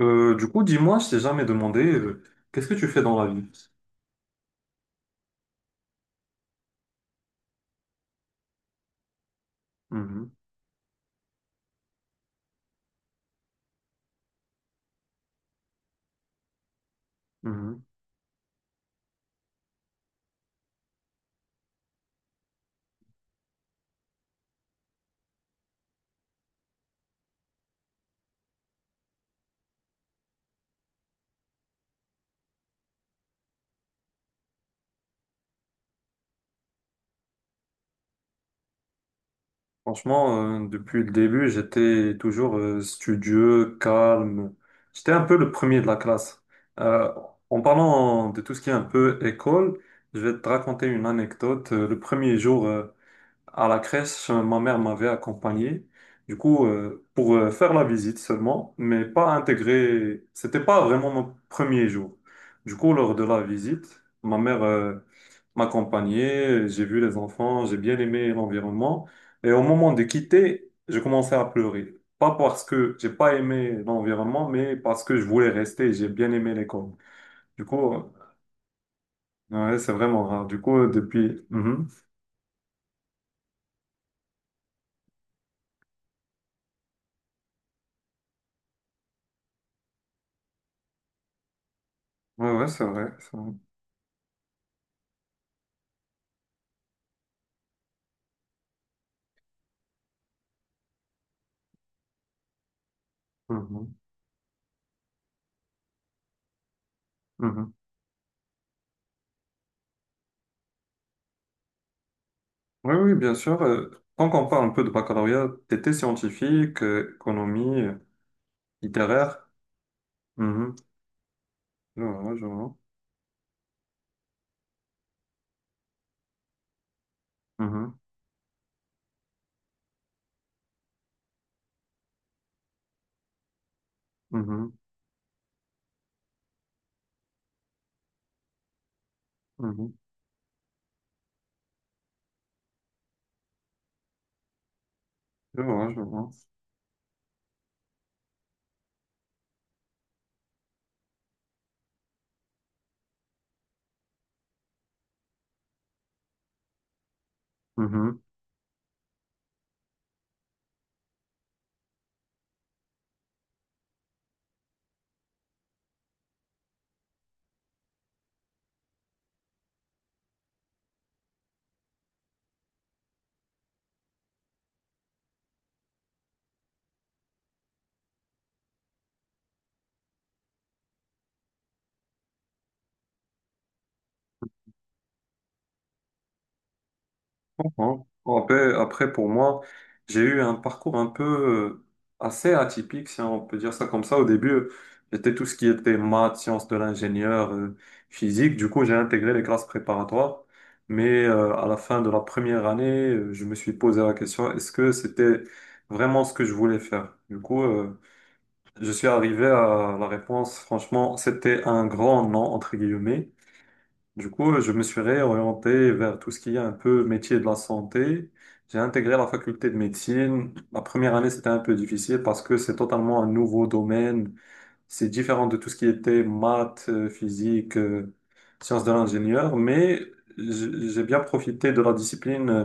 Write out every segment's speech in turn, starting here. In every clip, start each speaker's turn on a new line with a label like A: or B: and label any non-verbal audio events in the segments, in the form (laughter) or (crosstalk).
A: Du coup, dis-moi, je t'ai jamais demandé, qu'est-ce que tu fais dans la vie? Mhm, mhm. Franchement, depuis le début, j'étais toujours studieux, calme. J'étais un peu le premier de la classe. Euh, en parlant de tout ce qui est un peu école, je vais te raconter une anecdote. Le premier jour, à la crèche, ma mère m'avait accompagné. Du coup, pour faire la visite seulement, mais pas intégrer. C'était pas vraiment mon premier jour. Du coup, lors de la visite, ma mère m'accompagnait. J'ai vu les enfants, j'ai bien aimé l'environnement. Et au moment de quitter, je commençais à pleurer. Pas parce que j'ai pas aimé l'environnement, mais parce que je voulais rester. J'ai bien aimé l'école. Du coup, ouais, c'est vraiment rare. Du coup, depuis. Mhm. Ouais, ouais, c'est vrai. C'est vrai. Mhm. Mhm. Oui, oui, bien sûr. Tant qu'on parle un peu de baccalauréat, t'étais scientifique, économie, littéraire. Mhm. Je vois, je vois. Mhm, mhm, mhm. Je vois, je vois. Mhm. Comprends. Bon, après, pour moi, j'ai eu un parcours un peu assez atypique, si on peut dire ça comme ça. Au début, j'étais tout ce qui était maths, sciences de l'ingénieur, physique. Du coup, j'ai intégré les classes préparatoires. Mais à la fin de la première année, je me suis posé la question, est-ce que c'était vraiment ce que je voulais faire? Du coup, je suis arrivé à la réponse, franchement, c'était un grand non, entre guillemets. Du coup, je me suis réorienté vers tout ce qui est un peu métier de la santé. J'ai intégré la faculté de médecine. La première année, c'était un peu difficile parce que c'est totalement un nouveau domaine. C'est différent de tout ce qui était maths, physique, sciences de l'ingénieur. Mais j'ai bien profité de la discipline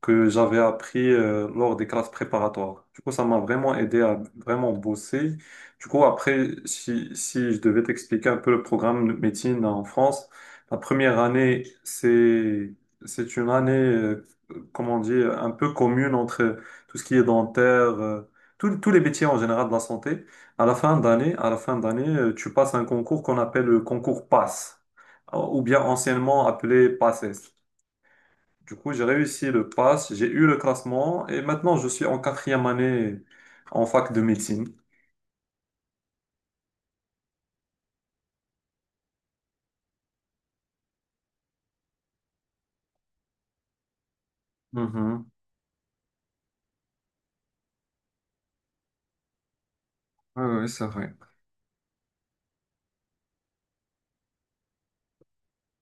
A: que j'avais appris lors des classes préparatoires. Du coup, ça m'a vraiment aidé à vraiment bosser. Du coup, après, si je devais t'expliquer un peu le programme de médecine en France, la première année, c'est une année, comment dire, un peu commune entre tout ce qui est dentaire, euh, tous les métiers en général de la santé. À la fin d'année, tu passes un concours qu'on appelle le concours PASS, ou bien anciennement appelé PASSES. Du coup, j'ai réussi le pass, j'ai eu le classement et maintenant je suis en quatrième année en fac de médecine. Mhm. Oui, oui, c'est vrai.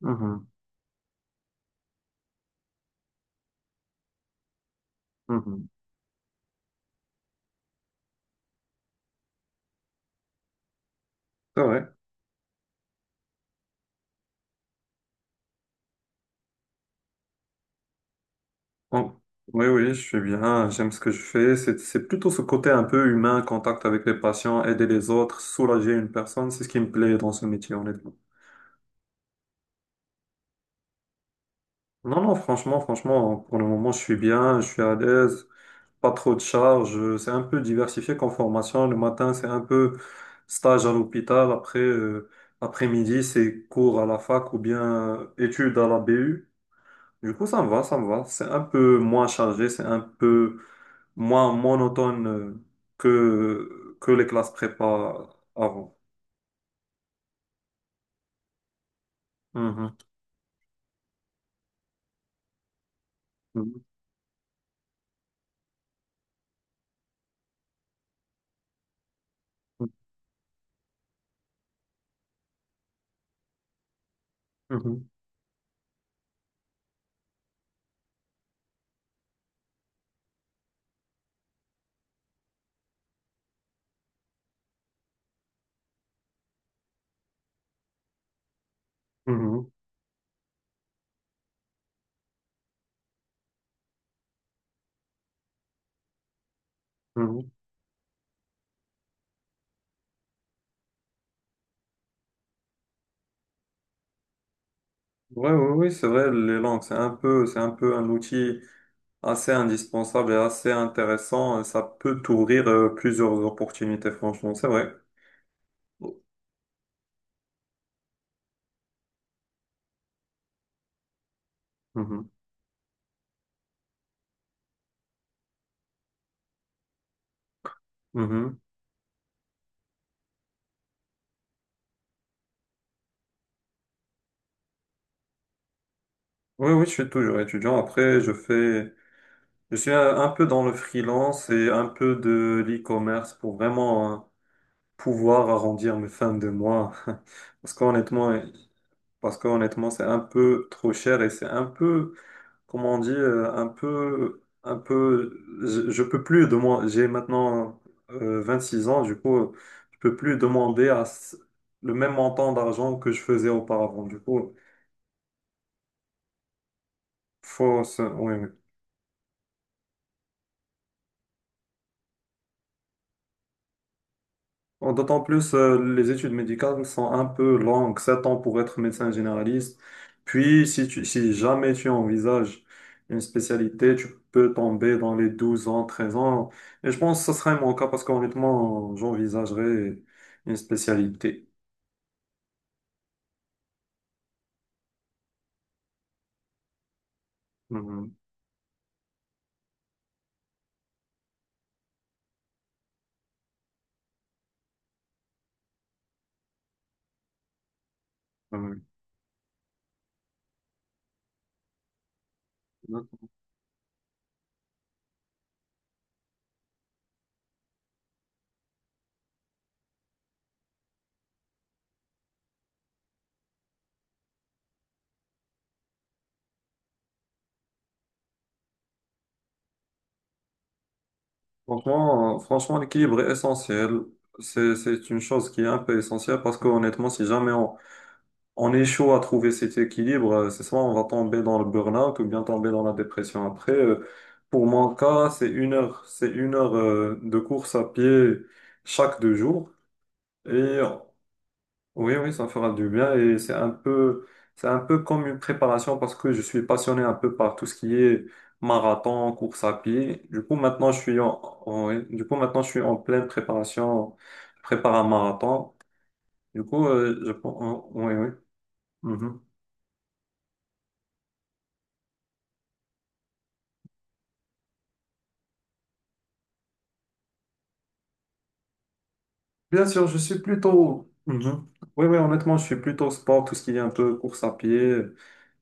A: Mhm. Mhm. C'est vrai. Oh. Oui, oui, je suis bien, j'aime ce que je fais. C'est plutôt ce côté un peu humain, contact avec les patients, aider les autres, soulager une personne, c'est ce qui me plaît dans ce métier, honnêtement. Non, non, franchement, franchement, pour le moment, je suis bien, je suis à l'aise. Pas trop de charges. C'est un peu diversifié comme formation. Le matin, c'est un peu stage à l'hôpital. Après, après-midi, c'est cours à la fac ou bien études à la BU. Du coup, ça me va, ça me va. C'est un peu moins chargé, c'est un peu moins monotone que les classes prépa avant. Mhm. Mhm. Mhm. Mhm. Mhm. Ouais, ouais, oui, c'est vrai, les langues, c'est un peu un outil assez indispensable et assez intéressant. Ça peut t'ouvrir plusieurs opportunités, franchement, c'est vrai. Mhm, mhm. Oui, oui, je suis toujours étudiant. Après, je suis un peu dans le freelance et un peu de l'e-commerce pour vraiment hein, pouvoir arrondir mes fins de mois. (laughs) Parce qu'honnêtement, parce qu'honnêtement, c'est un peu trop cher et c'est un peu comment on dit, un peu, je peux plus de moi, j'ai maintenant 6 ans, du coup, je peux plus demander le même montant d'argent que je faisais auparavant. Du coup, faut, oui. Bon, d'autant plus, les études médicales sont un peu longues, 7 ans pour être médecin généraliste. Puis, si jamais tu envisages une spécialité, tu peux tomber dans les 12 ans, 13 ans. Et je pense que ce serait mon cas parce qu'honnêtement, j'envisagerais une spécialité. Mhm. Mhm. Franchement, franchement, l'équilibre est essentiel. C'est une chose qui est un peu essentielle parce qu'honnêtement, si jamais on est chaud à trouver cet équilibre. C'est soit on va tomber dans le burn-out ou bien tomber dans la dépression après. Pour mon cas, c'est une heure de course à pied chaque 2 jours. Et oui, oui, ça fera du bien. Et c'est un peu comme une préparation parce que je suis passionné un peu par tout ce qui est marathon, course à pied. Du coup, maintenant, je suis en, en- oui, du coup, maintenant, je suis en pleine préparation. Je prépare un marathon. Du coup, je pense, oui, oui. Mhm. Bien sûr, je suis plutôt. Mhm. Oui, oui, honnêtement, je suis plutôt sport, tout ce qui est un peu course à pied,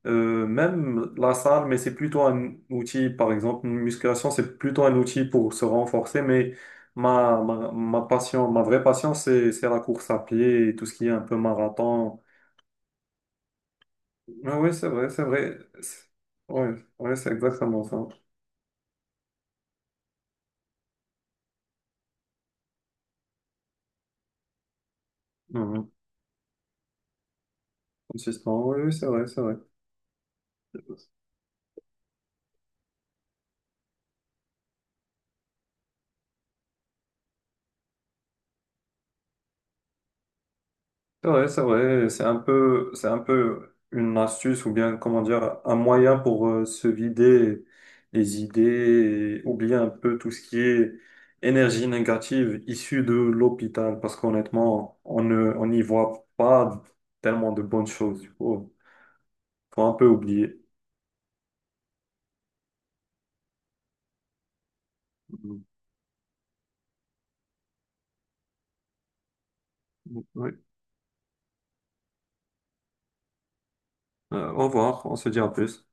A: même la salle, mais c'est plutôt un outil, par exemple, une musculation, c'est plutôt un outil pour se renforcer, mais ma passion, ma vraie passion, c'est la course à pied et tout ce qui est un peu marathon. Ah oui, c'est vrai, c'est vrai. Oui, c'est ouais, ouais, c'est exactement ça. Mhm. Consistant, oui, oui, c'est vrai, c'est vrai. C'est vrai, c'est vrai, c'est un peu une astuce ou bien, comment dire, un moyen pour se vider les idées et oublier un peu tout ce qui est énergie négative issue de l'hôpital parce qu'honnêtement, on n'y voit pas tellement de bonnes choses. Il faut un peu oublier. Mm. Oui. Au revoir, on se dit à plus.